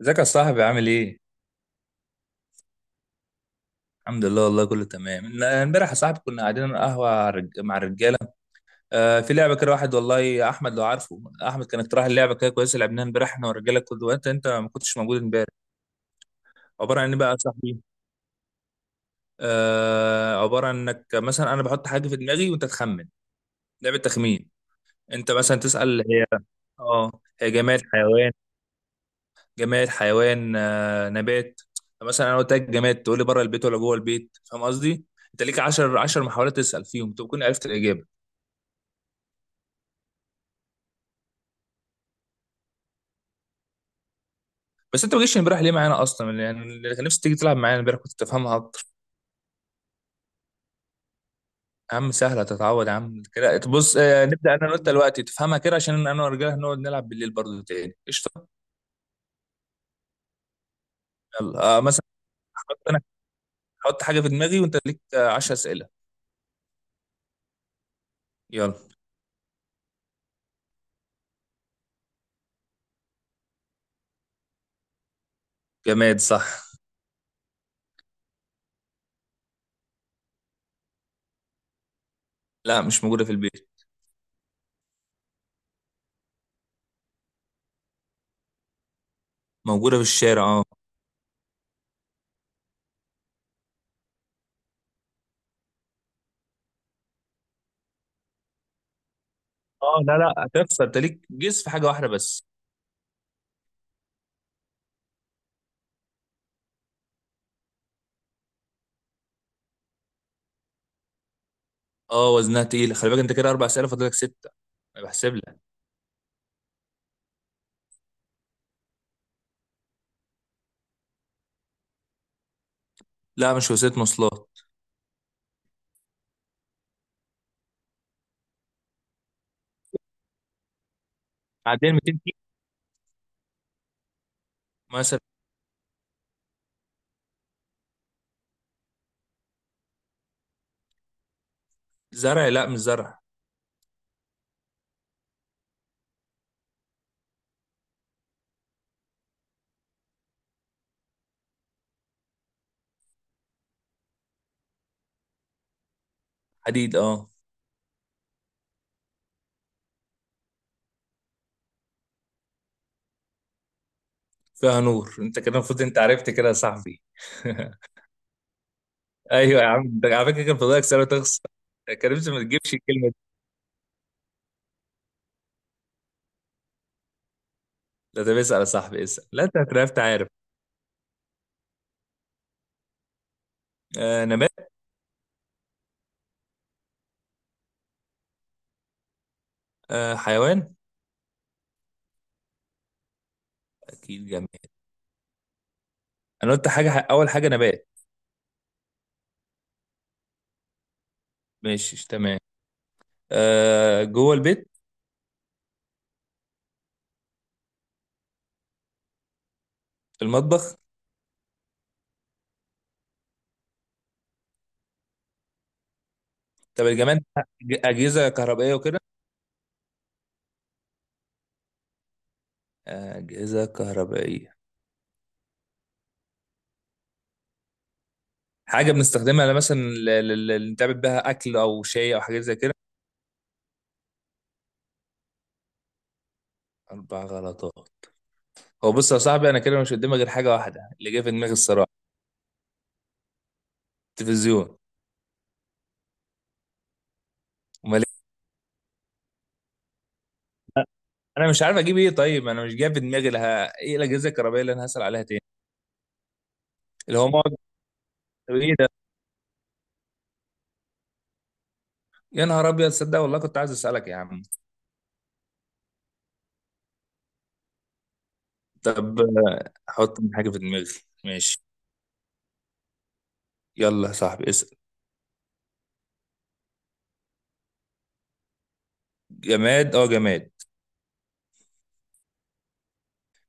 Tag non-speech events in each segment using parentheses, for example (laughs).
ازيك يا صاحبي عامل ايه؟ الحمد لله، والله كله تمام. امبارح يا صاحبي كنا قاعدين على القهوه، مع الرجاله. آه، في لعبه كده، واحد والله احمد لو عارفه. احمد كان اقتراح اللعبه، كده كويسه، لعبناها امبارح احنا والرجاله كله. وانت ما كنتش موجود امبارح. عباره عن ايه بقى يا صاحبي؟ آه، عباره عن انك مثلا انا بحط حاجه في دماغي وانت تخمن. لعبه تخمين. انت مثلا تسال، هي. اه. هي جماد، حيوان؟ جماد، حيوان، نبات؟ مثلا انا قلت لك جماد، تقول لي بره البيت ولا جوه البيت، فاهم قصدي؟ انت ليك 10 محاولات تسال فيهم تكون عرفت الاجابه. بس انت ما جيتش امبارح ليه معانا اصلا؟ يعني اللي كان نفسي تيجي تلعب معانا امبارح كنت تفهمها اكتر. يا عم سهله تتعود، يا عم، كده بص، نبدا انا وانت دلوقتي تفهمها كده عشان انا والرجاله هنقعد نلعب بالليل برضه تاني. قشطه. يلا، مثلا. حط انا حط حاجه في دماغي وانت ليك 10 اسئله. يلا. جماد، صح. لا، مش موجوده في البيت. موجوده في الشارع، اه. اه، لا لا، هتخسر، انت ليك جيس في حاجه واحده بس. اه، وزنها تقيل. خلي بالك، انت كده اربع اسئله، فاضلك سته. أنا بحسب لك. لا، مش وسيله مواصلات. عدين 200 كيلو مثلا. زرع، لا مش زرع. حديد، اه. فيها نور، انت كده المفروض انت عرفت، كده يا صاحبي. (laughs) ايوه يا عم، ده على فكره كان فاضلك سنه تخسر. يا كريم، ما تجيبش الكلمه دي. لا طب اسال يا صاحبي، اسال، لا انت عرفت، عارف. آه، نبات. آه، حيوان. اكيد، جميل. انا قلت حاجه، اول حاجه نبات. ماشي تمام. آه، جوه البيت. المطبخ. طب الجمال. اجهزه كهربائيه وكده. أجهزة كهربائية. حاجة بنستخدمها مثلا، اللي نتعمل بها أكل أو شاي أو حاجات زي كده. أربع غلطات. هو بص يا صاحبي، أنا كده مش قدامي غير حاجة واحدة اللي جاي في دماغي الصراحة. التلفزيون. أمال إيه؟ أنا مش عارف أجيب إيه، طيب أنا مش جاي في دماغي لها، إيه الأجهزة الكهربائية اللي أنا هسأل عليها تاني؟ اللي هو مقعد. طب إيه ده؟ يا نهار أبيض، صدق والله كنت عايز أسألك يا عم. طب، أحط حاجة في دماغي. ماشي. يلا يا صاحبي، اسأل. جماد، أه جماد.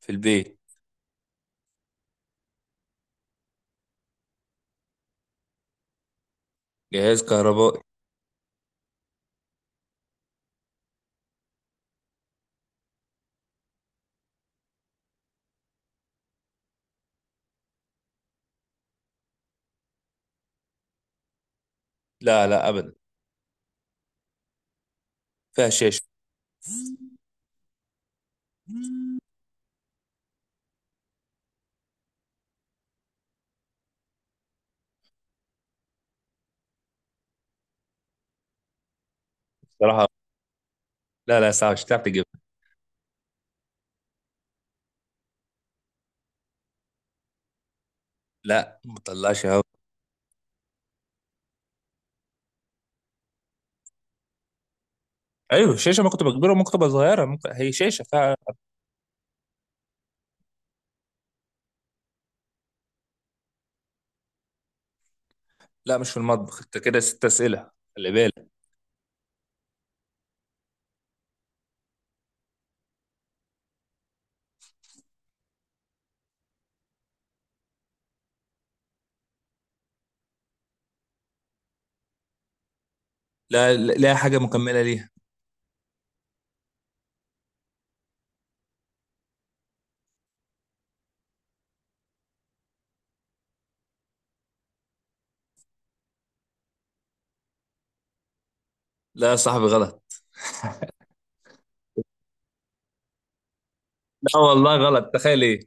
في البيت. جهاز كهربائي. لا لا أبدا. فيها شاشة. صراحة. لا لا، صعب، مش هتعرف تجيبها. لا، ما تطلعش هوا. ايوه الشاشه، ما كنت بكبيره، ممكن تبقى صغيره، ممكن هي شاشه فعلا. لا مش في المطبخ، انت كده ست اسئله، خلي بالك. لا لا لا، حاجه مكمله ليها. لا يا صاحبي، غلط. لا والله غلط، تخيل ايه.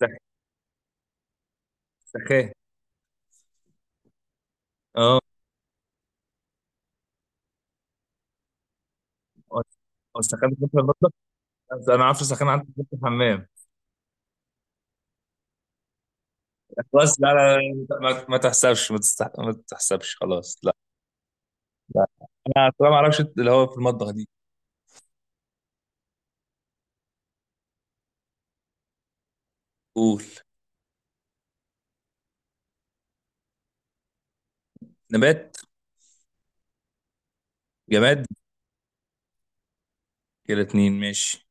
سخ- سخان. اه. هو السخان بيكون في المطبخ. بس انا عارف السخان عندك في الحمام. خلاص، لا لا لا، ما تحسبش، ما تحسبش، خلاص لا. لا انا أصلاً ما اعرفش اللي هو في المطبخ دي. قول. نبات. جماد. كده اتنين، ماشي.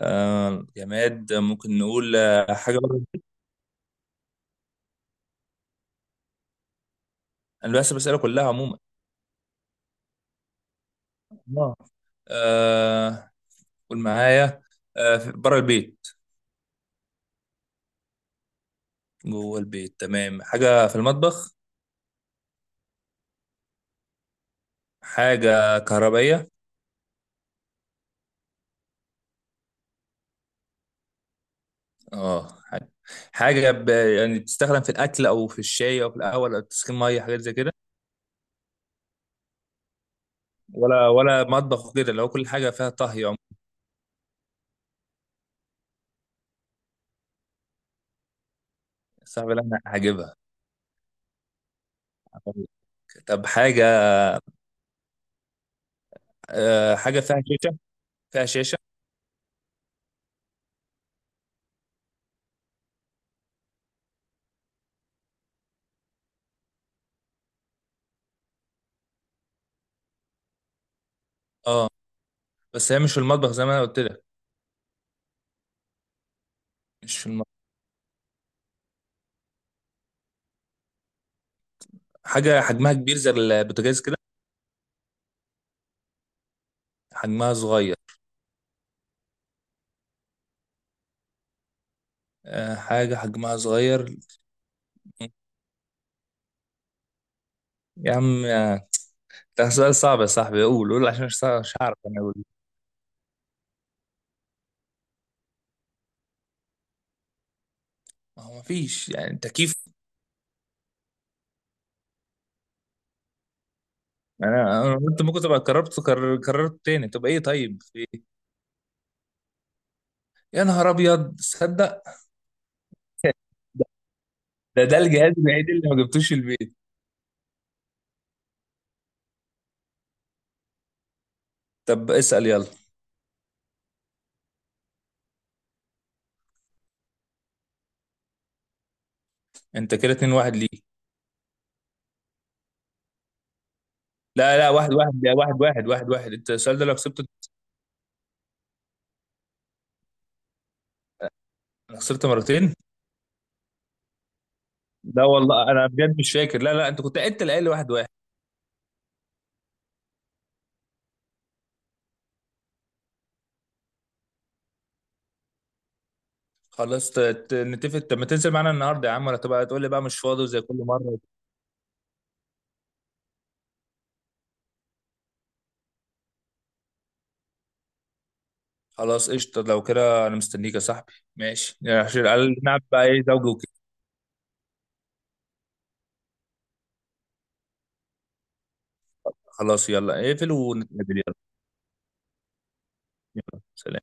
آه جماد، ممكن نقول، حاجة بره. أنا بس بسأله كلها عموما. آه. آه، قول معايا. بره البيت. جوه البيت تمام، حاجة في المطبخ. حاجة كهربائية. اه حاجة. حاجة يعني بتستخدم في الأكل أو في الشاي أو في القهوة أو تسخين مية، حاجات زي كده. ولا مطبخ وكده، لو كل حاجة فيها طهي عموما. صعب اللي أنا هجيبها. طب حاجة. آه حاجة فيها شاشة. فيها شاشة. اه. بس هي مش في المطبخ زي ما أنا قلت لك. مش في المطبخ. حاجة حجمها كبير زي البوتاجاز كده. حجمها صغير. حاجة حجمها صغير. يا عم، ده سؤال صعب يا صاحبي، قول قول عشان مش هعرف انا اقول. ما هو مفيش يعني تكييف. انا قلت ممكن تبقى قررت، قررت تاني. طب ايه، طيب في إيه؟ يا نهار ابيض، تصدق. ده ده الجهاز الوحيد اللي ما جبتوش البيت. طب اسأل يلا. انت كده 2-1 ليك. لا لا، واحد واحد، ده واحد واحد، واحد واحد. انت السؤال ده لو كسبته. أنا خسرت مرتين. لا والله انا بجد مش فاكر، لا لا، انت كنت انت اللي قايل لي واحد واحد. خلاص نتفق. طب ما تنزل معانا النهارده يا عم، ولا تبقى تقول لي بقى مش فاضي زي كل مره؟ خلاص قشطه، لو كده انا مستنيك يا صاحبي، ماشي يعني عشان قال نلعب بقى، ايه زوجي وكده. خلاص يلا، اقفل ونتقابل، يلا. يلا سلام.